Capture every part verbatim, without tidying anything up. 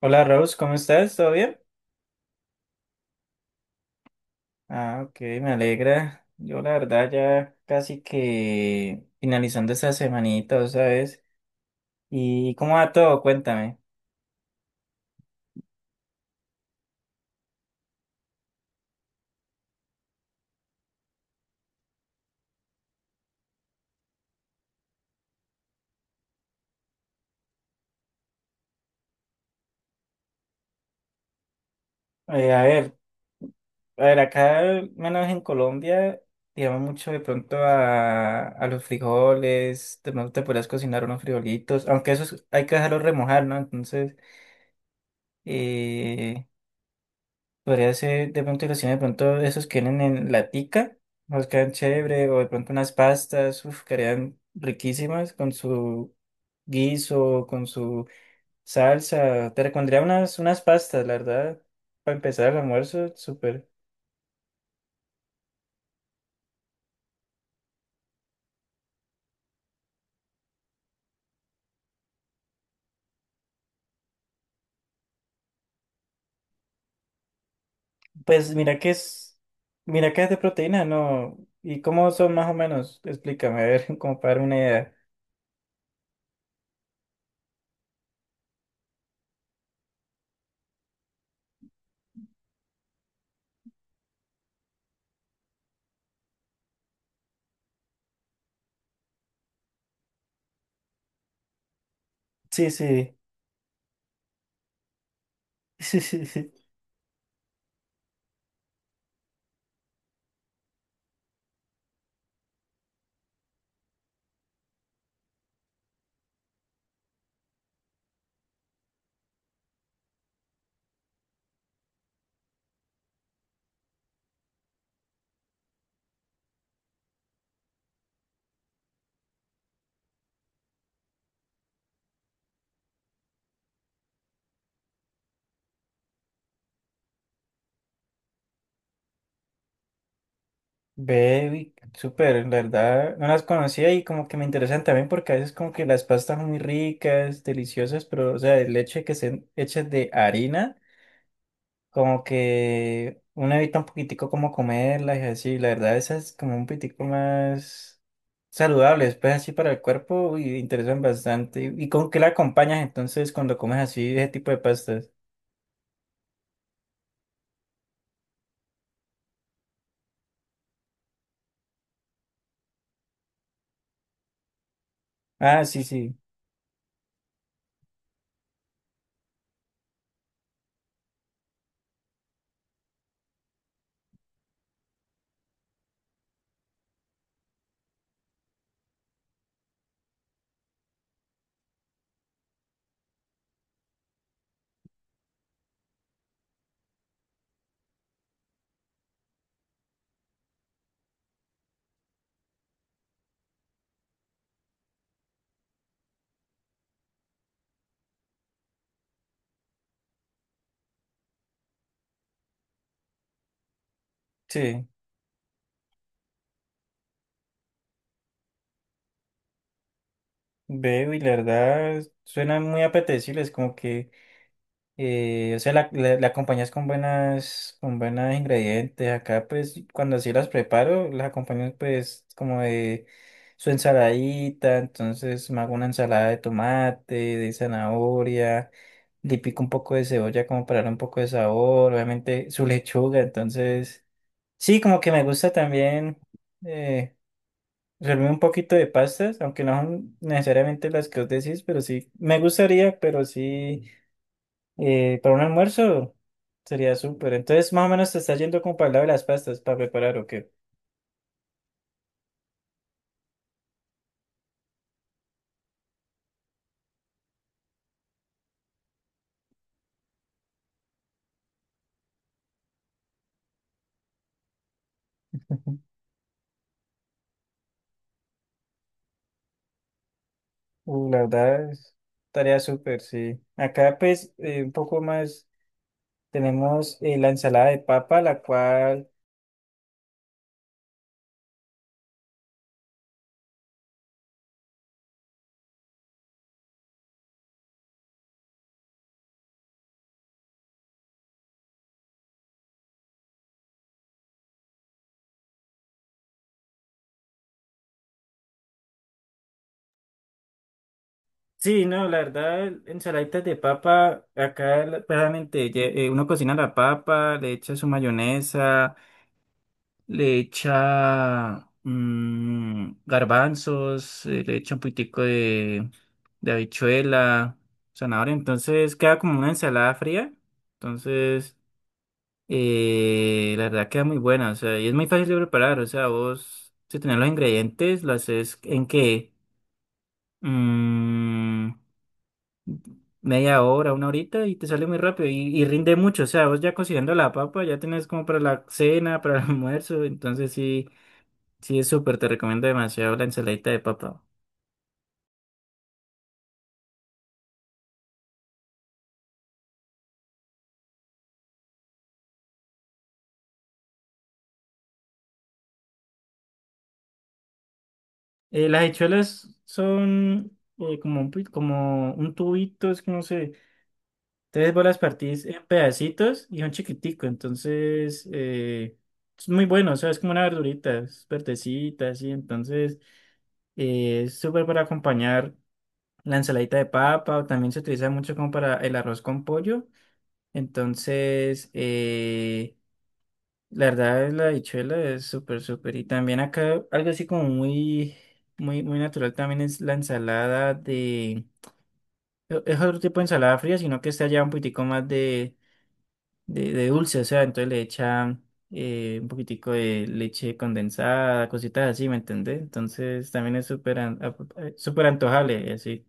Hola Rose, ¿cómo estás? ¿Todo bien? Ah, ok, me alegra. Yo la verdad ya casi que finalizando esta semanita, ¿sabes? ¿Y cómo va todo? Cuéntame. Eh, a ver, a ver, acá al menos en Colombia, digamos mucho de pronto a, a los frijoles, de pronto te podrías cocinar unos frijolitos, aunque esos hay que dejarlos remojar, ¿no? Entonces, eh, podría ser de pronto cocinar de pronto esos que vienen en latica, nos quedan chévere, o de pronto unas pastas, uf, quedarían riquísimas con su guiso, con su salsa. Te recomendaría unas, unas pastas, la verdad, para empezar el almuerzo, súper. Pues mira que es, mira que es de proteína, ¿no? ¿Y cómo son más o menos? Explícame, a ver, como para dar una idea. Sí, sí. Sí, sí. Ve, uy, súper, en verdad, no las conocía y como que me interesan también porque a veces como que las pastas son muy ricas, deliciosas, pero o sea, el leche que sean hechas de harina, como que uno evita un poquitico como comerlas y así, la verdad esas como un poquitico más saludables, pues así para el cuerpo y interesan bastante. ¿Y con qué la acompañas entonces cuando comes así ese tipo de pastas? Ah, sí, sí, sí, veo y la verdad, suenan muy apetecibles, como que... Eh, o sea, la, la, la acompañas con buenas, con buenos ingredientes. Acá, pues, cuando así las preparo, las acompaño, pues, como de su ensaladita. Entonces, me hago una ensalada de tomate, de zanahoria, le pico un poco de cebolla como para darle un poco de sabor. Obviamente, su lechuga. Entonces, sí, como que me gusta también eh, servirme un poquito de pastas, aunque no son necesariamente las que os decís, pero sí, me gustaría, pero sí, eh, para un almuerzo. Sería súper. Entonces, más o menos te está yendo como para el lado de las pastas para preparar o qué. Ujú. Uh, la verdad es tarea súper, sí. Acá, pues, eh, un poco más tenemos eh, la ensalada de papa, la cual. Sí, no, la verdad, ensaladitas de papa, acá la- claramente ye- eh, uno cocina la papa, le echa su mayonesa. Le echa mm, garbanzos, eh, le echa un poquitico de, de habichuela, zanahoria, entonces queda como una ensalada fría. Entonces, eh, la verdad queda muy buena, o sea, y es muy fácil de preparar, o sea, vos, si tenés los ingredientes, lo haces en que mm, media hora, una horita y te sale muy rápido y, y rinde mucho, o sea, vos ya cocinando la papa, ya tenés como para la cena, para el almuerzo, entonces sí. Sí, es súper, te recomiendo demasiado la ensaladita de papa. Eh, las habichuelas son eh, como un, pi- como un tubito, es que no sé. Entonces vos las partís en pedacitos y son chiquitico, entonces eh, es muy bueno, o sea, es como una verdurita, es verdecita, así. Entonces eh, es súper para acompañar la ensaladita de papa, o también se utiliza mucho como para el arroz con pollo. Entonces, eh, la verdad es la dichuela es súper, súper. Y también acá algo así como muy, muy, muy natural también es la ensalada de... e- Es otro tipo de ensalada fría, sino que está ya un poquitico más de, de, de dulce. O sea, entonces le echan eh, un poquitico de leche condensada, cositas así, ¿me entendés? Entonces también es súper an- ap- eh, súper antojable, y así.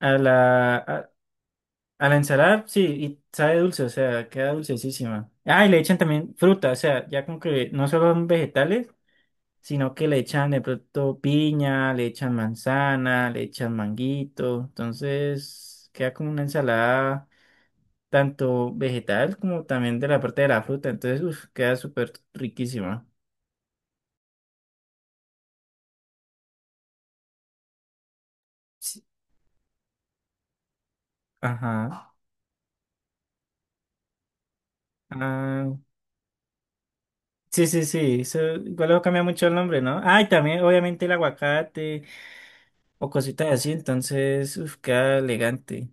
A la, a, a la ensalada, sí, y sabe dulce, o sea, queda dulcesísima. Ah, y le echan también fruta, o sea, ya como que no solo son vegetales, sino que le echan de pronto piña, le echan manzana, le echan manguito, entonces queda como una ensalada tanto vegetal como también de la parte de la fruta, entonces uf, queda súper riquísima. Sí, ajá. Ah, sí, sí, sí, eso igual luego cambia mucho el nombre, ¿no? Ah, y también obviamente el aguacate o cositas así, entonces uf, queda elegante.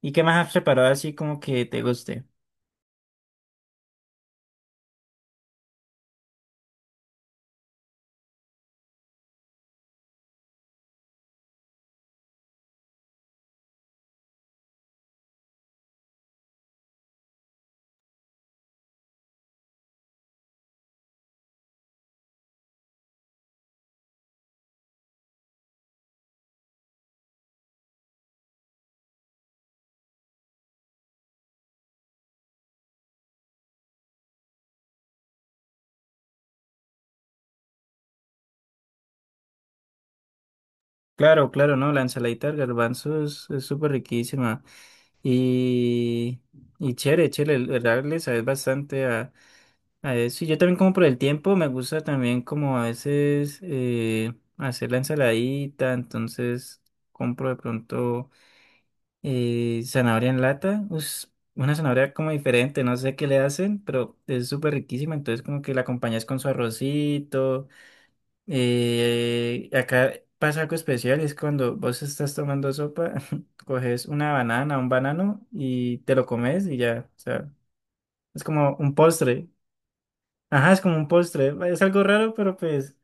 ¿Y qué más has preparado así como que te guste? Claro, claro, no, la ensaladita del garbanzo es es súper riquísima. Y, y chévere, chévere, el verdad le sabes bastante a, a eso. Y yo también como por el tiempo, me gusta también como a veces eh, hacer la ensaladita, entonces compro de pronto eh, zanahoria en lata. Us- una zanahoria como diferente, no sé qué le hacen, pero es súper riquísima, entonces como que la acompañas con su arrocito. Eh, acá pasa algo especial, es cuando vos estás tomando sopa, coges una banana, un banano y te lo comes y ya, o sea, es como un postre. Ajá, es como un postre, es algo raro, pero pues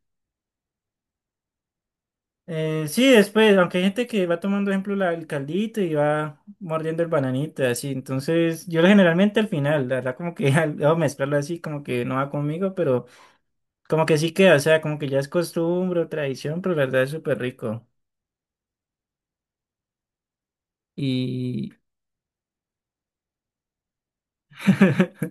eh, sí, después, aunque hay gente que va tomando, ejemplo, la- el caldito y va mordiendo el bananito, así, entonces yo generalmente al final, la verdad como que al, al mezclarlo así como que no va conmigo, pero como que sí queda, o sea, como que ya es costumbre o tradición, pero la verdad es súper rico. Y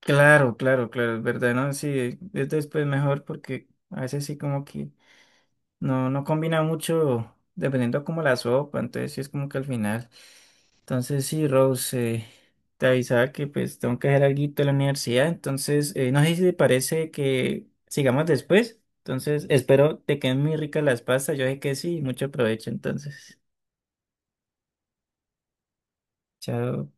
claro, claro, claro, es verdad, ¿no? Sí, eh, es después mejor porque a veces sí como que no, no combina mucho dependiendo como la sopa, entonces sí es como que al final. Entonces sí, Rose, eh, te avisaba que pues tengo que hacer algo de la universidad, entonces eh, no sé si te parece que sigamos después, entonces espero te queden muy ricas las pastas, yo sé que sí, mucho provecho, entonces, chao.